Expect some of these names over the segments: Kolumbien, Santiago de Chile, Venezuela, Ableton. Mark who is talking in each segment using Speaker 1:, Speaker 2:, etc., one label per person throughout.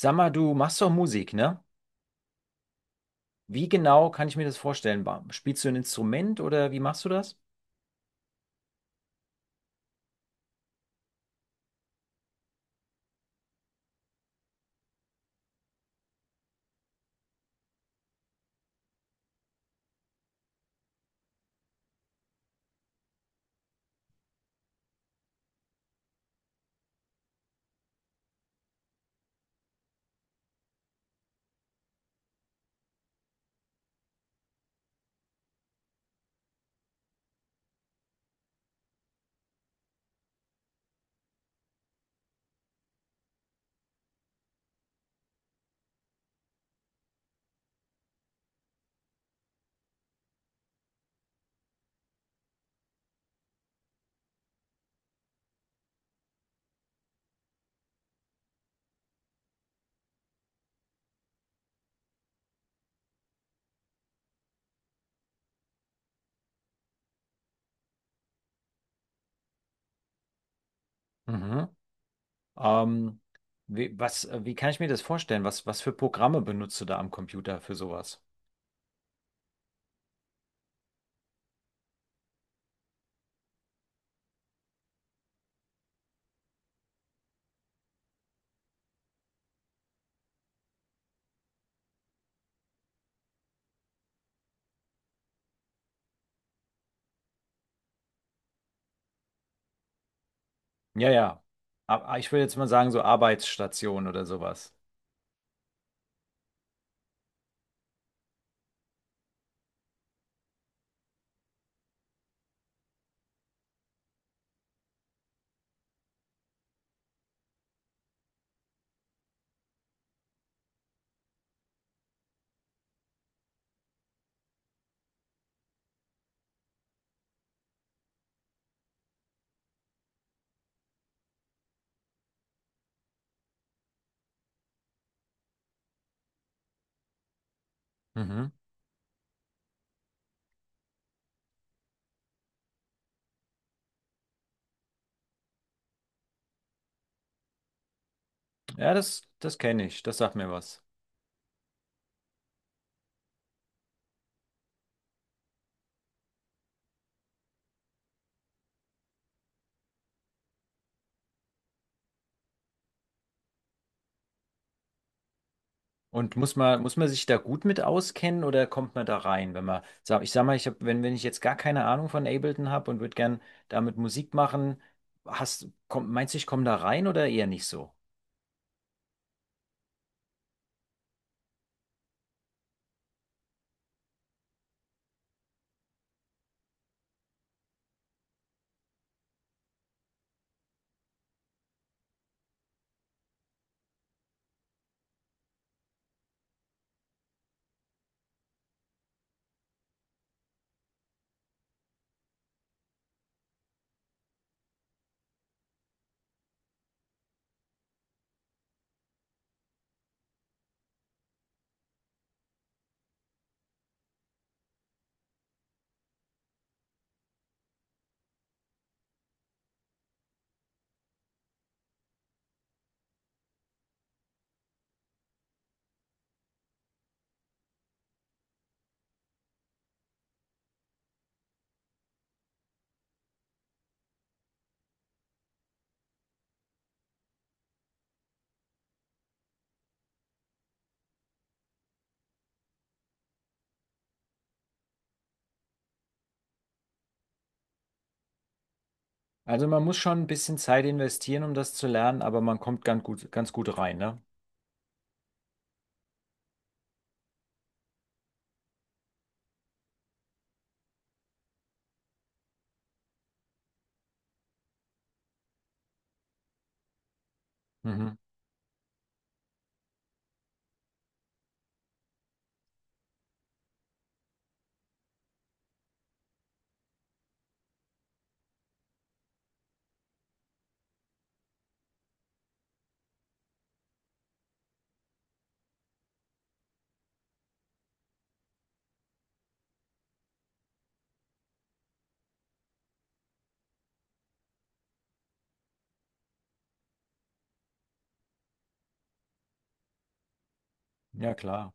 Speaker 1: Sag mal, du machst doch Musik, ne? Wie genau kann ich mir das vorstellen? Spielst du ein Instrument oder wie machst du das? Mhm. Ähm, Wie kann ich mir das vorstellen? Was für Programme benutzt du da am Computer für sowas? Ja, ja. Aber ich würde jetzt mal sagen, so Arbeitsstation oder sowas. Mhm. Ja, das kenne ich. Das sagt mir was. Und muss man sich da gut mit auskennen oder kommt man da rein, wenn man, ich sag mal, wenn, wenn ich jetzt gar keine Ahnung von Ableton habe und würde gern damit Musik machen, meinst du, ich komme da rein oder eher nicht so? Also man muss schon ein bisschen Zeit investieren, um das zu lernen, aber man kommt ganz gut rein, ne? Mhm. Ja, klar.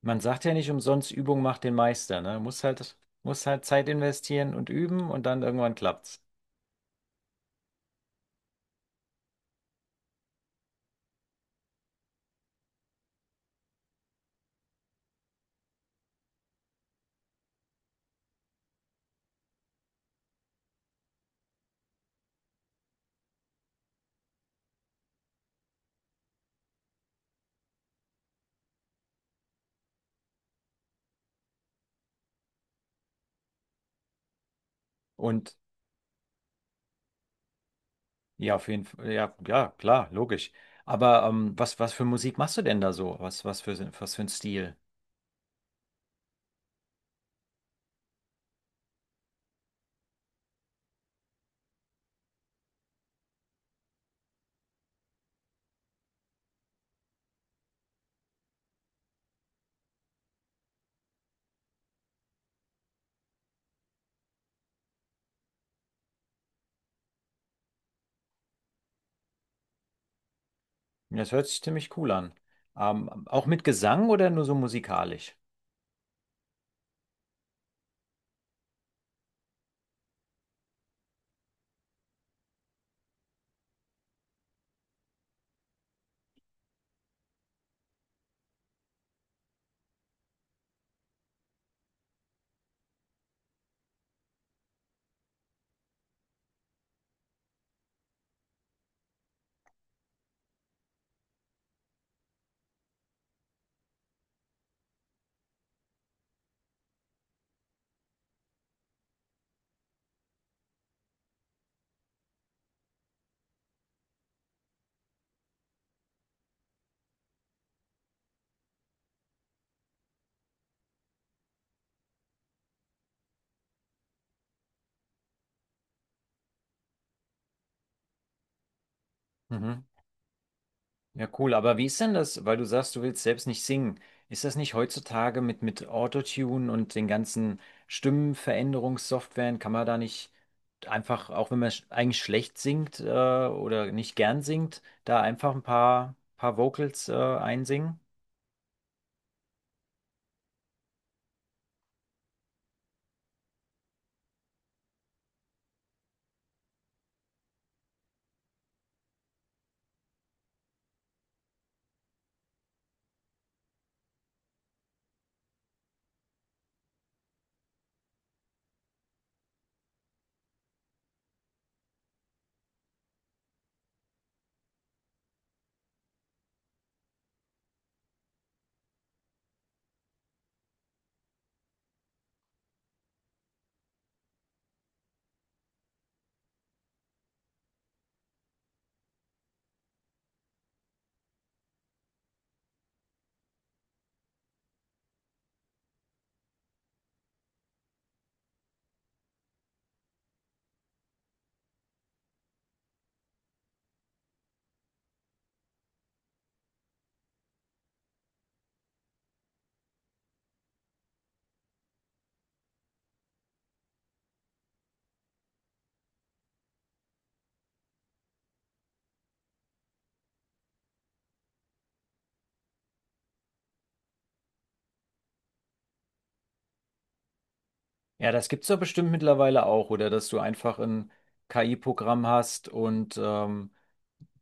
Speaker 1: Man sagt ja nicht umsonst, Übung macht den Meister, ne? Muss halt Zeit investieren und üben und dann irgendwann klappt's. Und ja, auf jeden Fall. Ja, ja, klar, logisch. Aber was für Musik machst du denn da so? Was für ein Stil? Das hört sich ziemlich cool an. Auch mit Gesang oder nur so musikalisch? Mhm. Ja, cool. Aber wie ist denn das, weil du sagst, du willst selbst nicht singen? Ist das nicht heutzutage mit Autotune und den ganzen Stimmenveränderungssoftwaren, kann man da nicht einfach, auch wenn man sch eigentlich schlecht singt oder nicht gern singt, da einfach paar Vocals einsingen? Ja, das gibt's doch bestimmt mittlerweile auch, oder dass du einfach ein KI-Programm hast und ähm,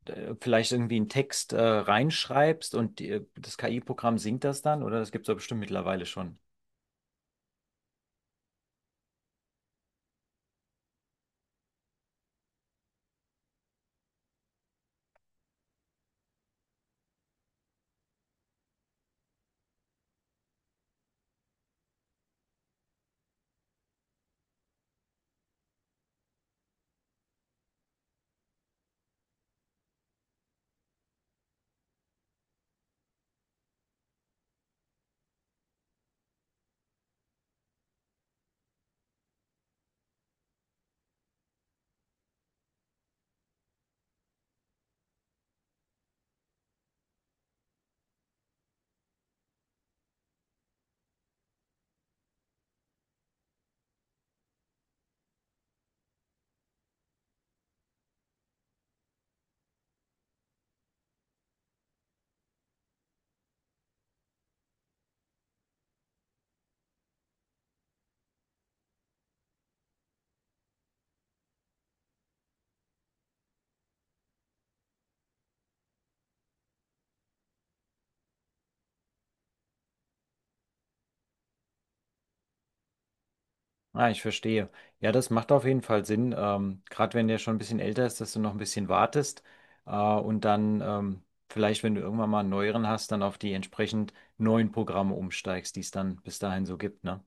Speaker 1: d- vielleicht irgendwie einen Text reinschreibst und das KI-Programm singt das dann, oder? Das gibt's doch bestimmt mittlerweile schon. Ah, ich verstehe. Ja, das macht auf jeden Fall Sinn, gerade wenn der schon ein bisschen älter ist, dass du noch ein bisschen wartest und dann vielleicht, wenn du irgendwann mal einen neueren hast, dann auf die entsprechend neuen Programme umsteigst, die es dann bis dahin so gibt, ne?